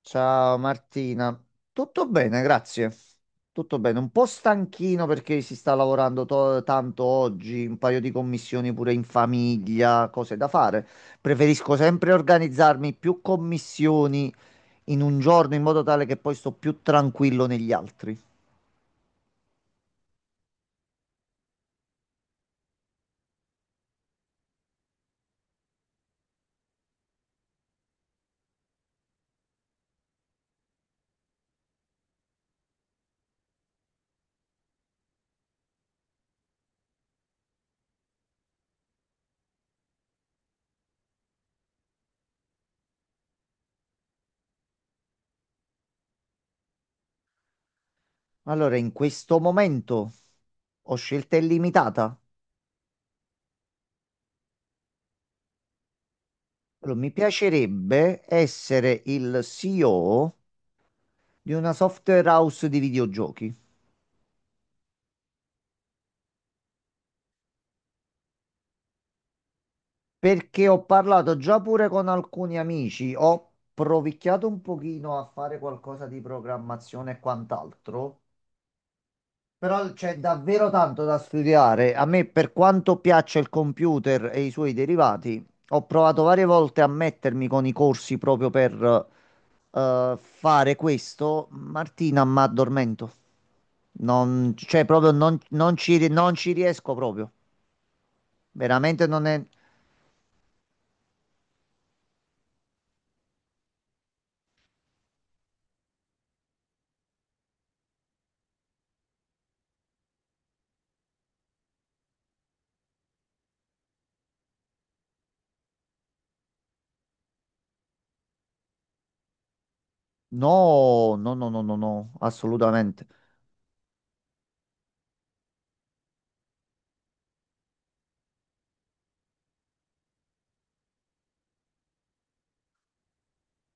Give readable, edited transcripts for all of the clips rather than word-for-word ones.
Ciao Martina, tutto bene, grazie. Tutto bene, un po' stanchino perché si sta lavorando tanto oggi, un paio di commissioni pure in famiglia, cose da fare. Preferisco sempre organizzarmi più commissioni in un giorno in modo tale che poi sto più tranquillo negli altri. Allora, in questo momento ho scelta illimitata. Allora, mi piacerebbe essere il CEO di una software house di videogiochi. Perché ho parlato già pure con alcuni amici, ho provicchiato un pochino a fare qualcosa di programmazione e quant'altro, però c'è davvero tanto da studiare. A me, per quanto piaccia il computer e i suoi derivati, ho provato varie volte a mettermi con i corsi proprio per fare questo. Martina, ma addormento. Non, cioè, proprio non, non ci riesco proprio. Veramente non è. No, no, no, no, no, no, assolutamente.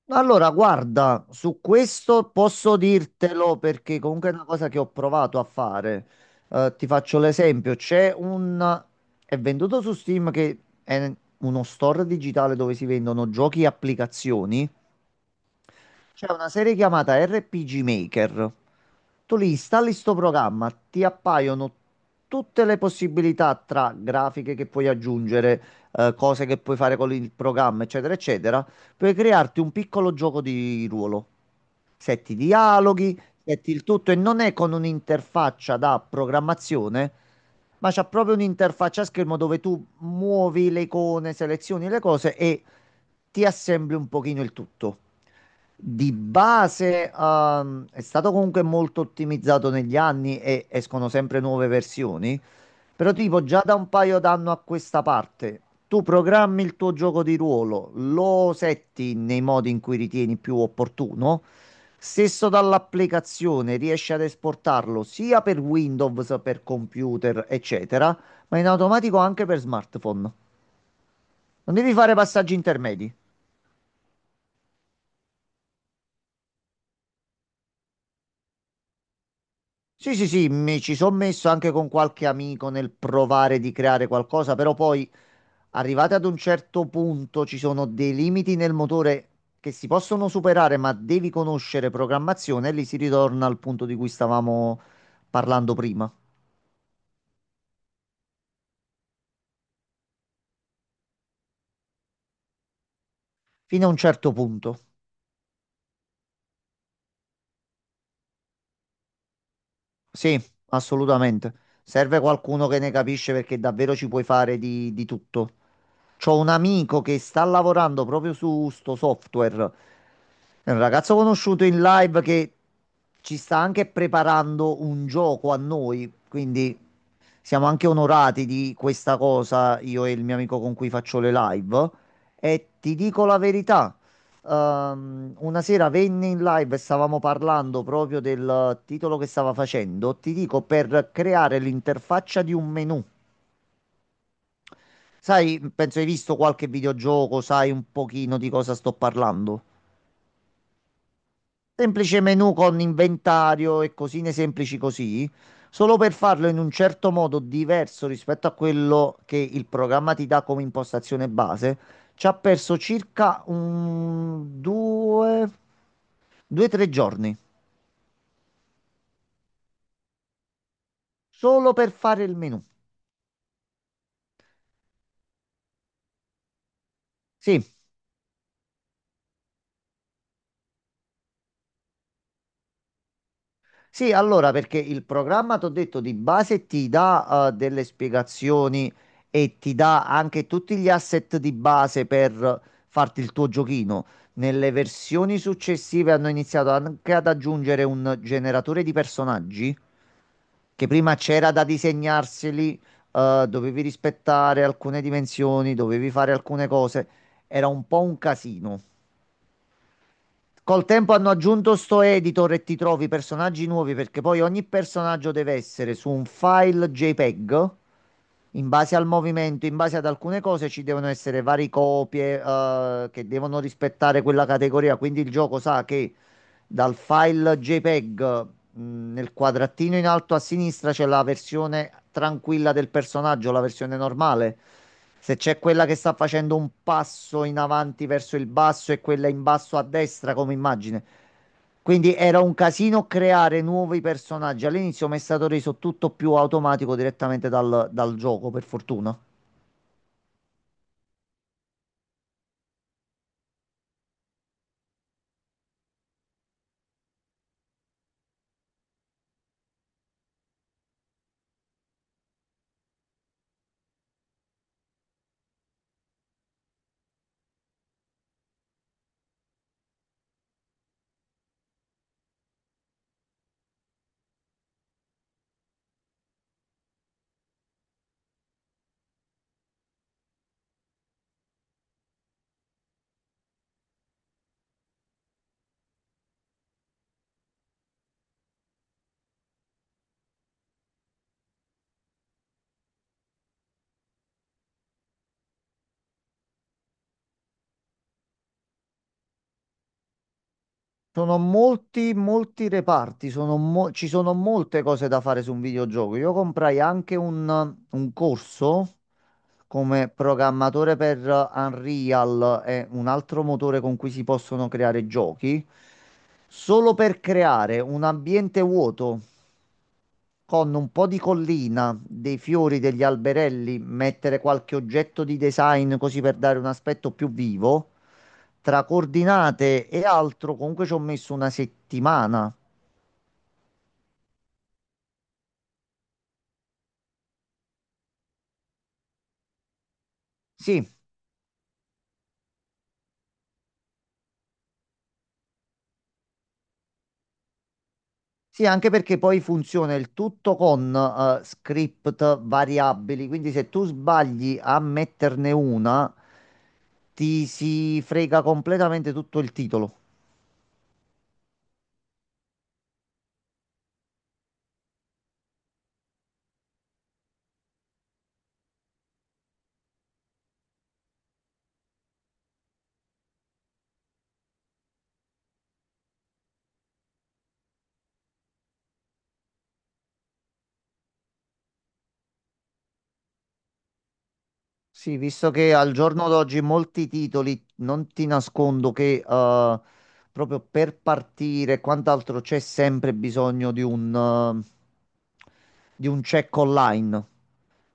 No, allora, guarda, su questo posso dirtelo perché comunque è una cosa che ho provato a fare. Ti faccio l'esempio, c'è un... è venduto su Steam che è uno store digitale dove si vendono giochi e applicazioni. C'è una serie chiamata RPG Maker. Tu li installi sto programma, ti appaiono tutte le possibilità tra grafiche che puoi aggiungere, cose che puoi fare con il programma, eccetera, eccetera. Puoi crearti un piccolo gioco di ruolo. Setti i dialoghi, setti il tutto e non è con un'interfaccia da programmazione, ma c'è proprio un'interfaccia a schermo dove tu muovi le icone, selezioni le cose e ti assembli un pochino il tutto. Di base, è stato comunque molto ottimizzato negli anni e escono sempre nuove versioni, però tipo già da un paio d'anni a questa parte, tu programmi il tuo gioco di ruolo, lo setti nei modi in cui ritieni più opportuno. Stesso dall'applicazione riesci ad esportarlo sia per Windows, per computer, eccetera, ma in automatico anche per smartphone. Non devi fare passaggi intermedi. Sì, sì, sì, mi ci sono messo anche con qualche amico nel provare di creare qualcosa, però poi arrivati ad un certo punto ci sono dei limiti nel motore che si possono superare, ma devi conoscere programmazione e lì si ritorna al punto di cui stavamo parlando prima. Fino a un certo punto. Sì, assolutamente. Serve qualcuno che ne capisce perché davvero ci puoi fare di tutto. C'ho un amico che sta lavorando proprio su sto software. È un ragazzo conosciuto in live che ci sta anche preparando un gioco a noi, quindi siamo anche onorati di questa cosa, io e il mio amico con cui faccio le live. E ti dico la verità, una sera venne in live e stavamo parlando proprio del titolo che stava facendo. Ti dico, per creare l'interfaccia di un menu. Sai, penso hai visto qualche videogioco, sai un pochino di cosa sto parlando. Semplice menu con inventario e cosine semplici così, solo per farlo in un certo modo diverso rispetto a quello che il programma ti dà come impostazione base, ci ha perso circa un due, due, tre giorni, solo per fare il menu. Sì, sì, allora, perché il programma, ti ho detto, di base ti dà delle spiegazioni e ti dà anche tutti gli asset di base per farti il tuo giochino. Nelle versioni successive hanno iniziato anche ad aggiungere un generatore di personaggi che prima c'era da disegnarseli, dovevi rispettare alcune dimensioni, dovevi fare alcune cose. Era un po' un casino. Col tempo hanno aggiunto sto editor e ti trovi personaggi nuovi perché poi ogni personaggio deve essere su un file JPEG. In base al movimento, in base ad alcune cose, ci devono essere varie copie, che devono rispettare quella categoria. Quindi il gioco sa che dal file JPEG, nel quadratino in alto a sinistra c'è la versione tranquilla del personaggio, la versione normale. Se c'è quella che sta facendo un passo in avanti verso il basso e quella in basso a destra come immagine. Quindi era un casino creare nuovi personaggi. All'inizio mi è stato reso tutto più automatico direttamente dal gioco, per fortuna. Sono molti, molti reparti, sono ci sono molte cose da fare su un videogioco. Io comprai anche un corso come programmatore per Unreal e un altro motore con cui si possono creare giochi, solo per creare un ambiente vuoto con un po' di collina, dei fiori, degli alberelli, mettere qualche oggetto di design così per dare un aspetto più vivo tra coordinate e altro, comunque ci ho messo una settimana. Sì, sì, anche perché poi funziona il tutto con script variabili, quindi se tu sbagli a metterne una, ti si frega completamente tutto il titolo. Sì, visto che al giorno d'oggi molti titoli, non ti nascondo che proprio per partire e quant'altro c'è sempre bisogno di di un check online.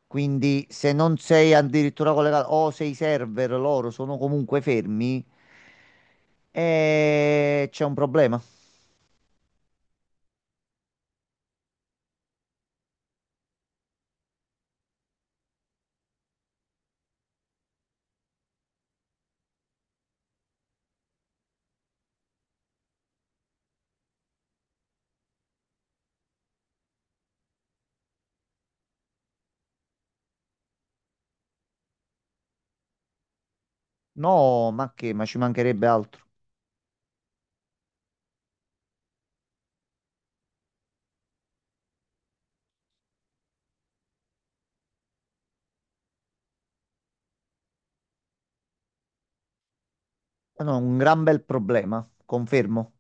Quindi se non sei addirittura collegato o se i server loro sono comunque fermi, c'è un problema. No, ma che? Ma ci mancherebbe altro. No, un gran bel problema, confermo.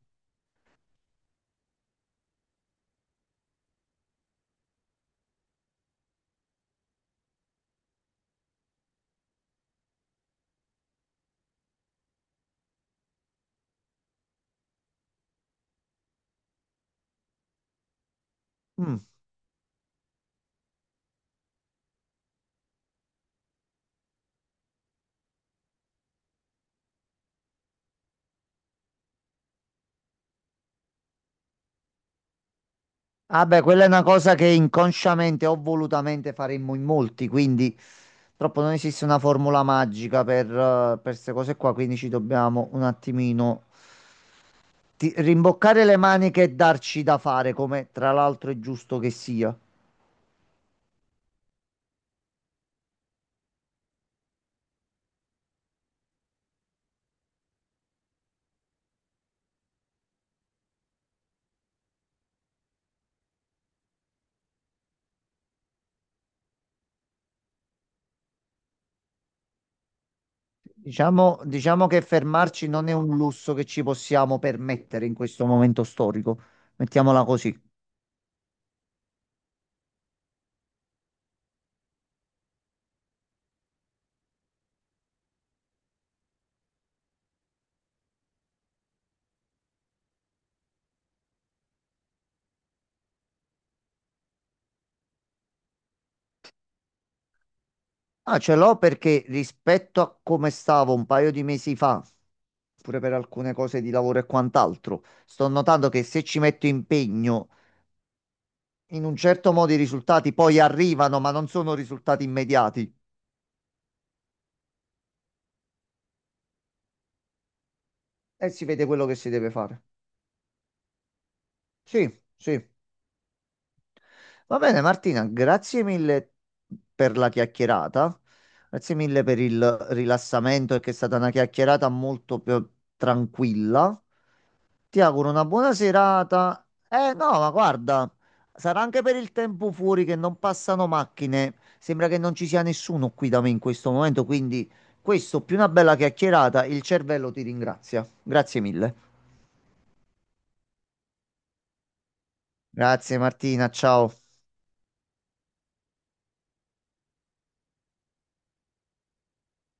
Mm. Ah beh, quella è una cosa che inconsciamente o volutamente faremmo in molti, quindi purtroppo non esiste una formula magica per queste cose qua, quindi ci dobbiamo un attimino rimboccare le maniche e darci da fare, come tra l'altro è giusto che sia. Diciamo che fermarci non è un lusso che ci possiamo permettere in questo momento storico, mettiamola così. Ah, ce l'ho perché rispetto a come stavo un paio di mesi fa, pure per alcune cose di lavoro e quant'altro, sto notando che se ci metto impegno, in un certo modo i risultati poi arrivano, ma non sono risultati immediati e si vede quello che si deve fare. Sì, sì. Va bene, Martina, grazie mille per la chiacchierata. Grazie mille per il rilassamento, perché è stata una chiacchierata molto più tranquilla. Ti auguro una buona serata. Eh no, ma guarda, sarà anche per il tempo fuori che non passano macchine. Sembra che non ci sia nessuno qui da me in questo momento, quindi questo più una bella chiacchierata, il cervello ti ringrazia. Grazie mille. Grazie Martina, ciao.